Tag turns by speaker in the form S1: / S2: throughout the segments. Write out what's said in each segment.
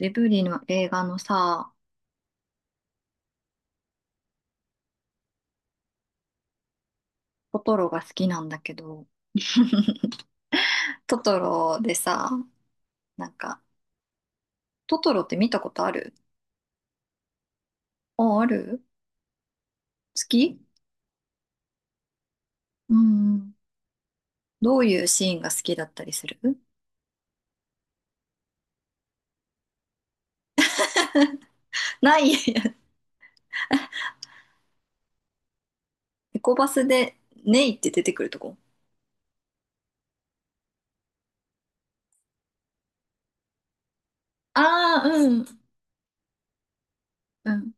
S1: ジブリの映画のさ、トトロが好きなんだけど、トトロでさ、なんか、トトロって見たことある？あ、ある？好き？うん。どういうシーンが好きだったりする？ない、いやいや、エコバスでネイって出てくるとこ。ああ、うん。うん。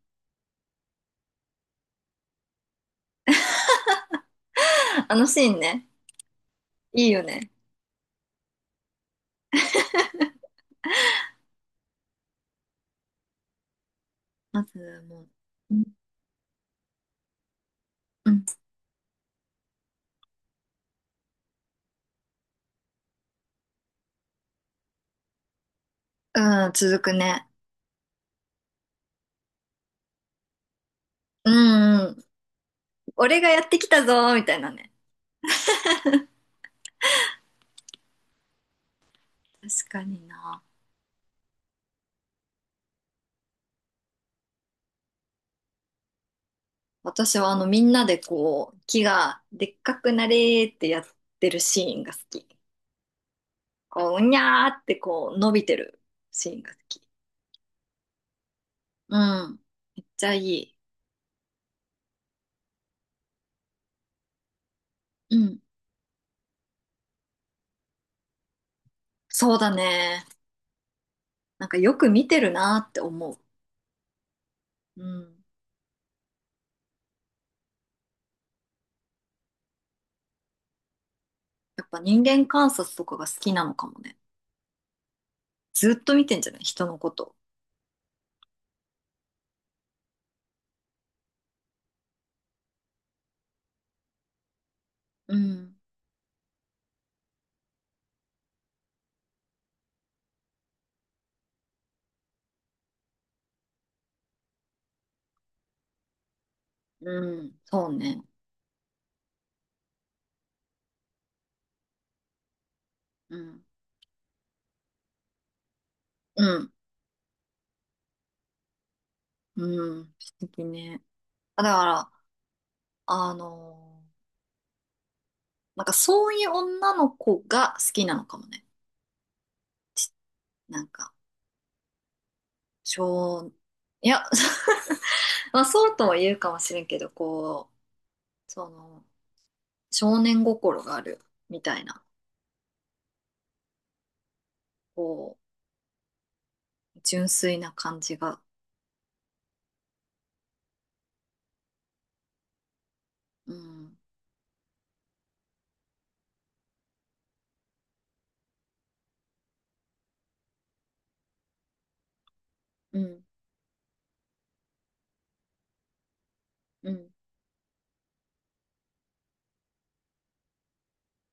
S1: あのシーンね。いいよね。まず、もう、うん、うん、うん続くね。うん、うん。俺がやってきたぞーみたいなね。確かにな。私はあのみんなでこう木がでっかくなれーってやってるシーンが好き。こう、うにゃーってこう伸びてるシーンが好き。うん。めっちゃいい。うん。そうだね。なんかよく見てるなーって思う。うん。やっぱ人間観察とかが好きなのかもね。ずっと見てんじゃない？人のこと。うん。うん。そうね。うん。うん。うん。素敵ね。だから、あのーなんかそういう女の子が好きなのかもね。ち、なんか、少、いや、まあそうとは言うかもしれんけど、こう、その、少年心があるみたいな、こう、純粋な感じが。うん、うん、うん。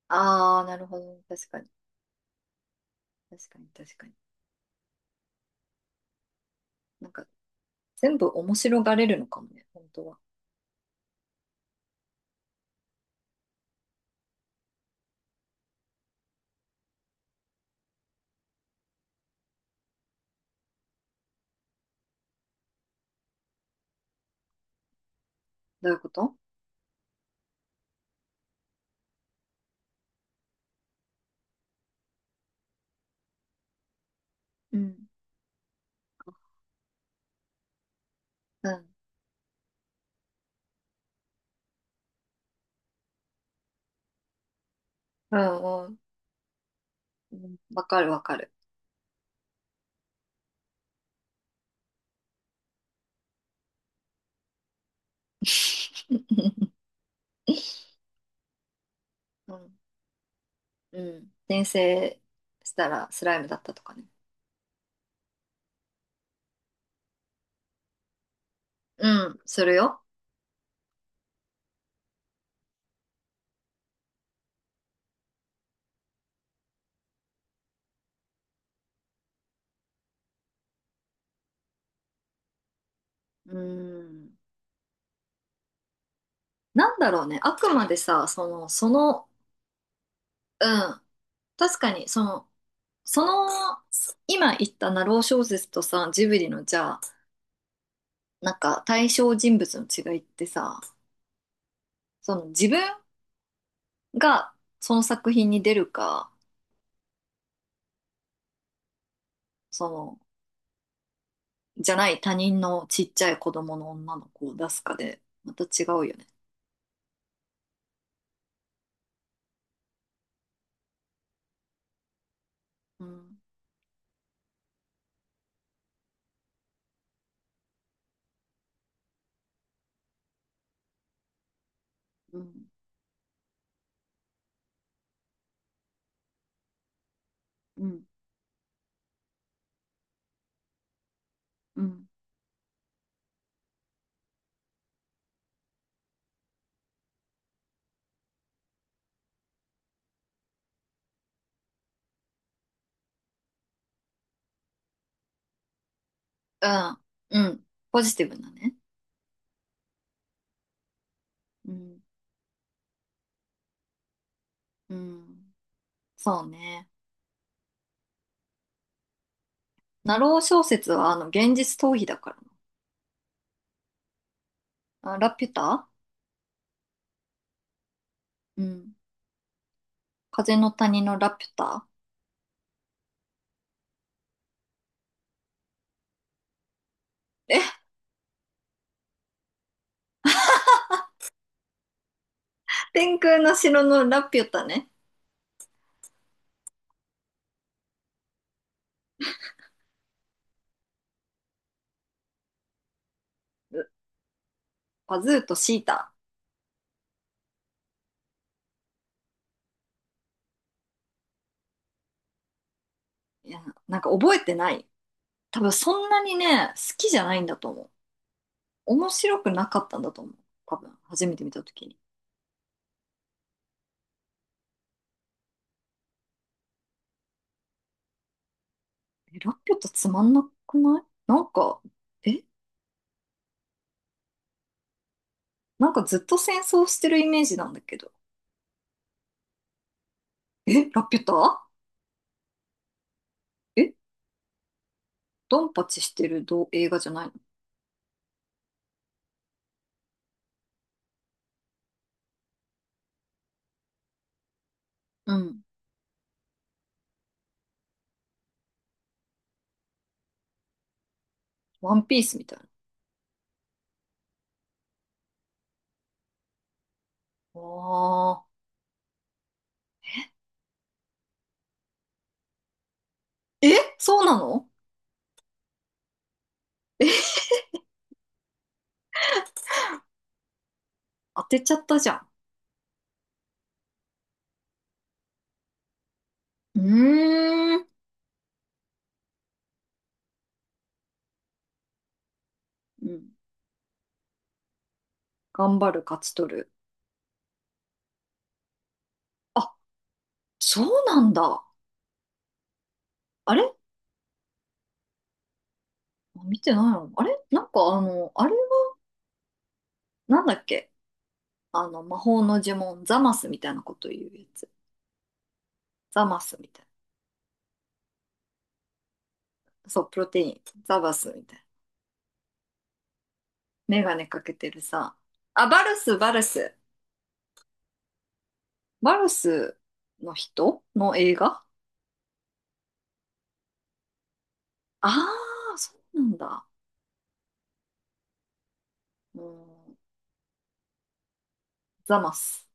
S1: ああ、なるほど。確かに、確かに。なんか、全部面白がれるのかもね、本当は。どういうこと？うん、うん、うん、うん。うん、わかる。うんうん。転生したらスライムだったとかね。うん、するよ。うん。なんだろうね。あくまでさ、その、うん。確かに、その、今言ったナロー小説とさ、ジブリのじゃあ、なんか対象人物の違いってさ、その自分がその作品に出るか、その、じゃない他人のちっちゃい子供の女の子を出すかで、また違うよね。うん、うん、うん、うん。うん、うん。ポジティブなね。うん、うん。そうね。ナロー小説は、あの、現実逃避だからな。あ、ラピュタ。うん。風の谷のラピュタ？え、天空の城のラピュタね。う、パズーとシータ。いや、なんか覚えてない。多分そんなにね、好きじゃないんだと思う。面白くなかったんだと思う。多分、初めて見たときに。え、ラピュタつまんなくない？なんか、え、なんかずっと戦争してるイメージなんだけど。え、ラピュタ？え、ドンパチしてるど、映画じゃないの？うん。ワンピースみたいな。ああ。え、そうなの？え、当てちゃったじゃん。うーん。うん。頑張る、勝ち取る。あ、そうなんだ。あれ見てないの？あれなんかあの、あれは、なんだっけ？あの、魔法の呪文、ザマスみたいなこと言うやつ。ザマスみたいな。そう、プロテイン。ザバスみたいな。メガネかけてるさ。あ、バルス。バルスの人の映画？あ、あー、そうなんだ。うん、ザマス。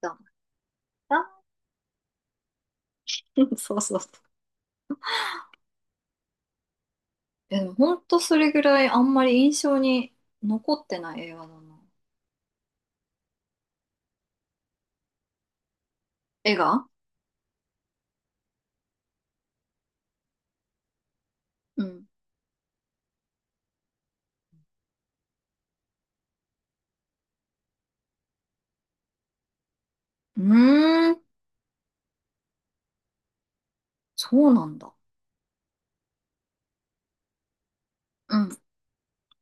S1: ザマス。あー、 そうそうそう。え、でもほんとそれぐらいあんまり印象に残ってない映画だな。映画？うん。うーん、そうなんだ。うん。